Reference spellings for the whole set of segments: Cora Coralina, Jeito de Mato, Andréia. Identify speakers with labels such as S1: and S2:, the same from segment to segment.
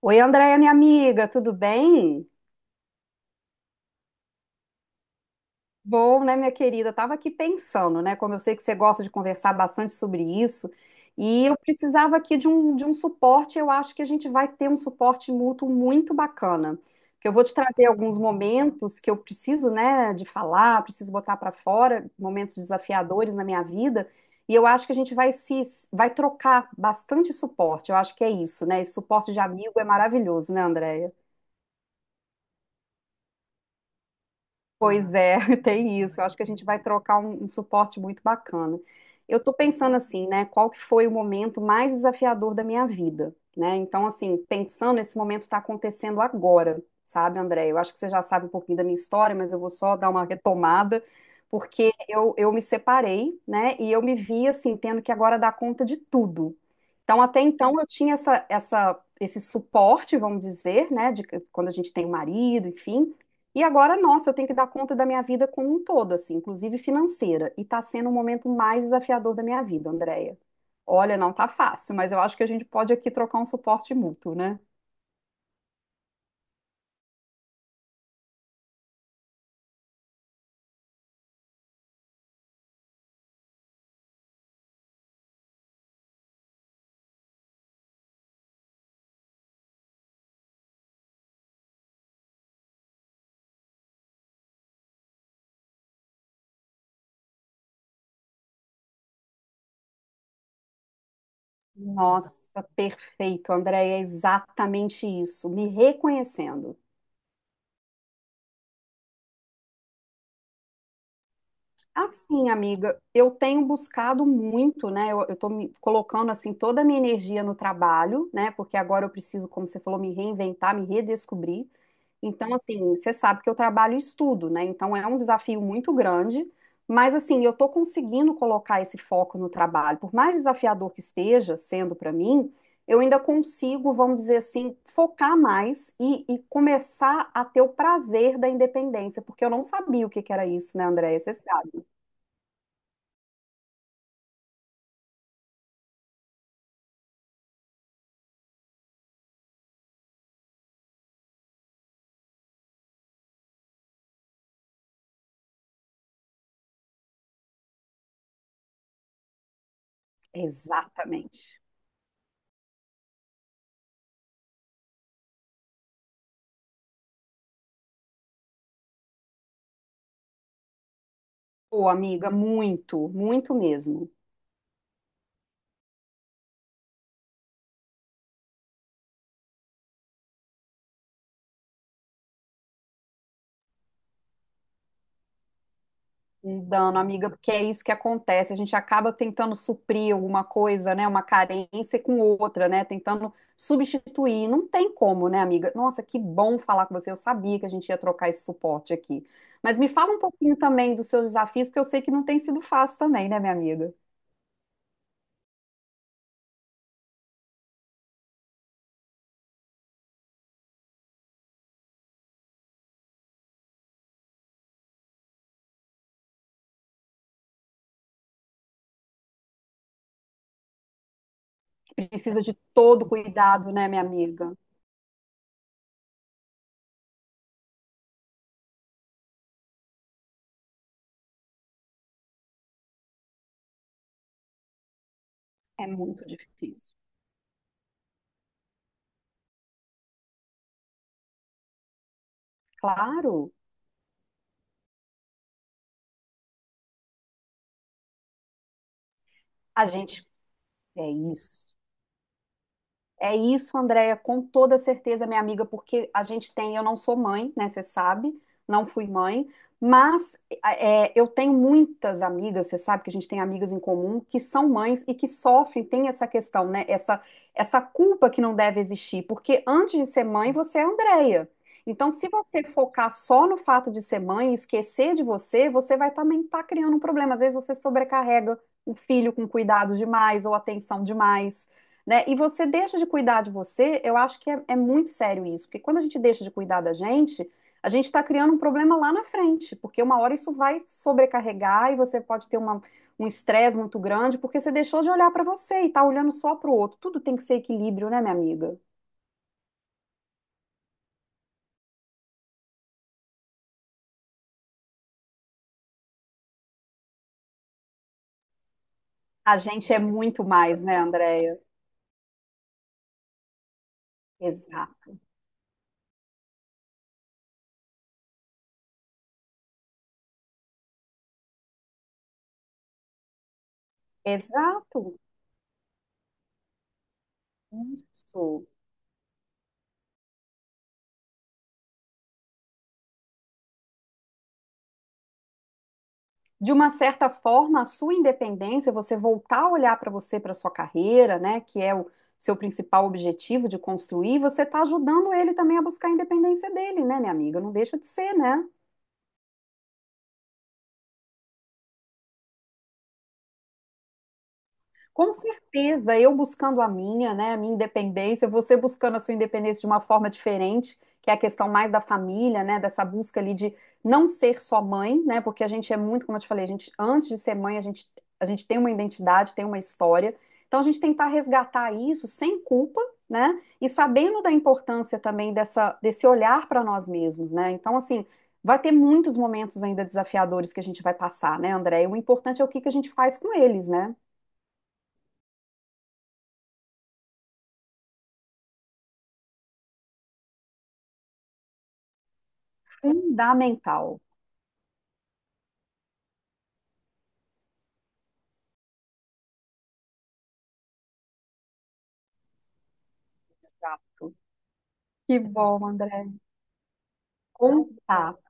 S1: Oi, Andréia, minha amiga, tudo bem? Bom, né, minha querida? Eu tava aqui pensando, né? Como eu sei que você gosta de conversar bastante sobre isso, e eu precisava aqui de um suporte. Eu acho que a gente vai ter um suporte mútuo muito bacana. Porque eu vou te trazer alguns momentos que eu preciso, né, de falar, preciso botar para fora, momentos desafiadores na minha vida, e eu acho que a gente vai se vai trocar bastante suporte. Eu acho que é isso, né? Esse suporte de amigo é maravilhoso, né, Andréia? Pois é, tem isso. Eu acho que a gente vai trocar um suporte muito bacana. Eu estou pensando assim, né? Qual que foi o momento mais desafiador da minha vida, né? Então, assim, pensando, esse momento está acontecendo agora, sabe, André? Eu acho que você já sabe um pouquinho da minha história, mas eu vou só dar uma retomada, porque eu me separei, né? E eu me vi, assim, tendo que agora dar conta de tudo. Então, até então, eu tinha esse suporte, vamos dizer, né? De, quando a gente tem um marido, enfim. E agora, nossa, eu tenho que dar conta da minha vida como um todo, assim, inclusive financeira. E tá sendo o momento mais desafiador da minha vida, Andréia. Olha, não tá fácil, mas eu acho que a gente pode aqui trocar um suporte mútuo, né? Nossa, perfeito, Andréia, é exatamente isso. Me reconhecendo. Assim, amiga, eu tenho buscado muito, né? Eu tô me colocando assim toda a minha energia no trabalho, né? Porque agora eu preciso, como você falou, me reinventar, me redescobrir. Então, assim, você sabe que eu trabalho e estudo, né? Então é um desafio muito grande, mas assim, eu tô conseguindo colocar esse foco no trabalho. Por mais desafiador que esteja sendo para mim, eu ainda consigo, vamos dizer assim, focar mais e começar a ter o prazer da independência, porque eu não sabia o que que era isso, né, Andréia? Você sabe. Exatamente. Pô, amiga, muito, muito mesmo. Um dano, amiga, porque é isso que acontece. A gente acaba tentando suprir alguma coisa, né? Uma carência com outra, né? Tentando substituir. Não tem como, né, amiga? Nossa, que bom falar com você. Eu sabia que a gente ia trocar esse suporte aqui. Mas me fala um pouquinho também dos seus desafios, porque eu sei que não tem sido fácil também, né, minha amiga? Precisa de todo cuidado, né, minha amiga? É muito difícil. Claro, a gente é isso. É isso, Andréia, com toda certeza, minha amiga, porque a gente tem, eu não sou mãe, né? Você sabe, não fui mãe, mas é, eu tenho muitas amigas, você sabe que a gente tem amigas em comum que são mães e que sofrem, tem essa questão, né? Essa culpa que não deve existir, porque antes de ser mãe, você é Andréia. Então, se você focar só no fato de ser mãe e esquecer de você, você vai também estar criando um problema. Às vezes você sobrecarrega o filho com cuidado demais ou atenção demais, né? E você deixa de cuidar de você, eu acho que é muito sério isso, porque quando a gente deixa de cuidar da gente, a gente está criando um problema lá na frente, porque uma hora isso vai sobrecarregar e você pode ter um estresse muito grande, porque você deixou de olhar para você e está olhando só para o outro. Tudo tem que ser equilíbrio, né, minha amiga? A gente é muito mais, né, Andréia? Exato. Exato. Isso. De uma certa forma, a sua independência, você voltar a olhar para você, para sua carreira, né, que é o seu principal objetivo de construir, você está ajudando ele também a buscar a independência dele, né, minha amiga? Não deixa de ser, né? Com certeza, eu buscando a minha, né, a minha independência, você buscando a sua independência de uma forma diferente, que é a questão mais da família, né, dessa busca ali de não ser só mãe, né, porque a gente é muito, como eu te falei, a gente, antes de ser mãe, a gente tem uma identidade, tem uma história, então a gente tentar resgatar isso sem culpa, né, e sabendo da importância também desse olhar para nós mesmos, né, então assim, vai ter muitos momentos ainda desafiadores que a gente vai passar, né, André, e o importante é o que que a gente faz com eles, né? Fundamental. Exato. Que bom, André. Contato.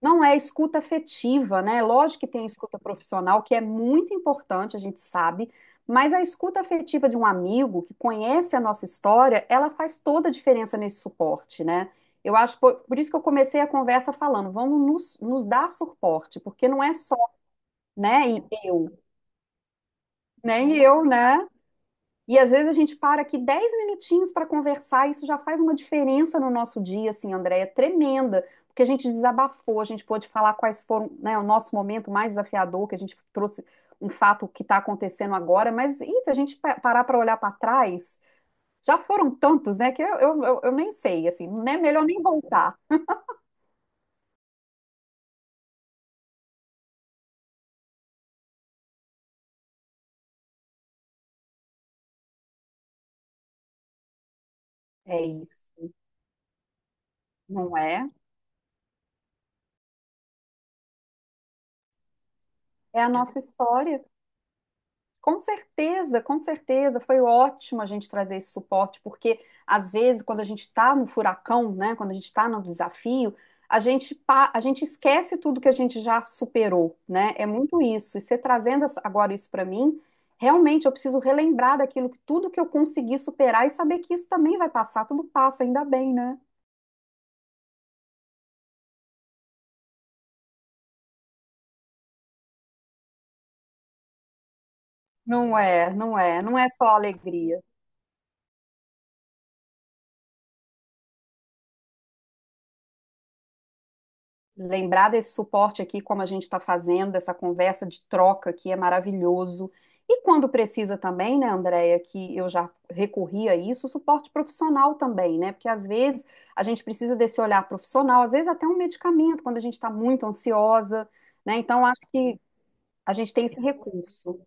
S1: Não, é escuta afetiva, né? Lógico que tem a escuta profissional, que é muito importante, a gente sabe, mas a escuta afetiva de um amigo que conhece a nossa história, ela faz toda a diferença nesse suporte, né? Eu acho, por isso que eu comecei a conversa falando, vamos nos dar suporte, porque não é só, né, e eu, nem eu, né? E às vezes a gente para aqui 10 minutinhos para conversar, e isso já faz uma diferença no nosso dia, assim, Andréia, é tremenda, porque a gente desabafou, a gente pôde falar quais foram, né, o nosso momento mais desafiador, que a gente trouxe um fato que está acontecendo agora, mas e se a gente parar para olhar para trás, já foram tantos, né, que eu nem sei, assim, né, melhor nem voltar. É isso, não é? É a nossa história. Com certeza, foi ótimo a gente trazer esse suporte, porque às vezes, quando a gente está no furacão, né, quando a gente está no desafio, a gente esquece tudo que a gente já superou, né? É muito isso. E você trazendo essa- agora isso para mim, realmente eu preciso relembrar daquilo que tudo que eu consegui superar e saber que isso também vai passar, tudo passa, ainda bem, né? Não é, não é, não é só alegria. Lembrar desse suporte aqui, como a gente está fazendo, dessa conversa de troca aqui, é maravilhoso. E quando precisa também, né, Andréia, que eu já recorri a isso, suporte profissional também, né? Porque às vezes a gente precisa desse olhar profissional, às vezes até um medicamento, quando a gente está muito ansiosa, né? Então acho que a gente tem esse recurso.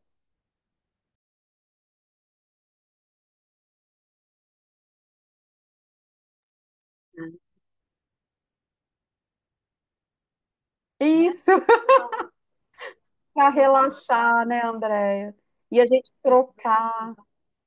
S1: Isso, para relaxar, né, Andréia? E a gente trocar.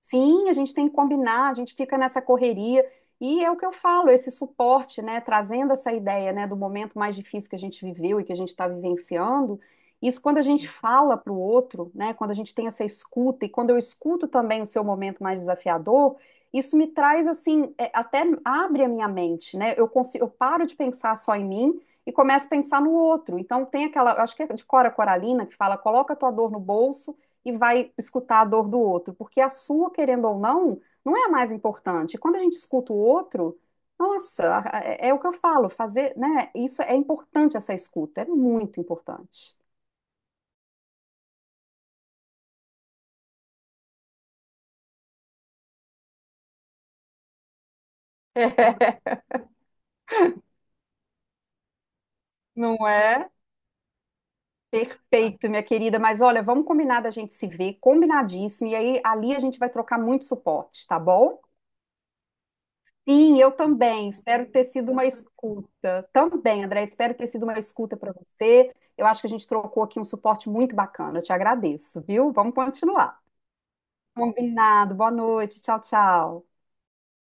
S1: Sim, a gente tem que combinar, a gente fica nessa correria. E é o que eu falo, esse suporte, né, trazendo essa ideia, né, do momento mais difícil que a gente viveu e que a gente está vivenciando, isso quando a gente fala para o outro, né, quando a gente tem essa escuta e quando eu escuto também o seu momento mais desafiador, isso me traz assim, é, até abre a minha mente, né? Eu consigo, eu paro de pensar só em mim e começo a pensar no outro. Então tem aquela, eu acho que é de Cora Coralina que fala, coloca a tua dor no bolso e vai escutar a dor do outro, porque a sua, querendo ou não, não é a mais importante. Quando a gente escuta o outro, nossa, a- é, é o que eu falo, fazer, né? Isso é importante, essa escuta, é muito importante. Não é? Perfeito, minha querida, mas olha, vamos combinar da gente se ver, combinadíssimo, e aí ali a gente vai trocar muito suporte, tá bom? Sim, eu também. Espero ter sido uma escuta. Também, André, espero ter sido uma escuta para você. Eu acho que a gente trocou aqui um suporte muito bacana. Eu te agradeço, viu? Vamos continuar. Combinado. Boa noite. Tchau, tchau.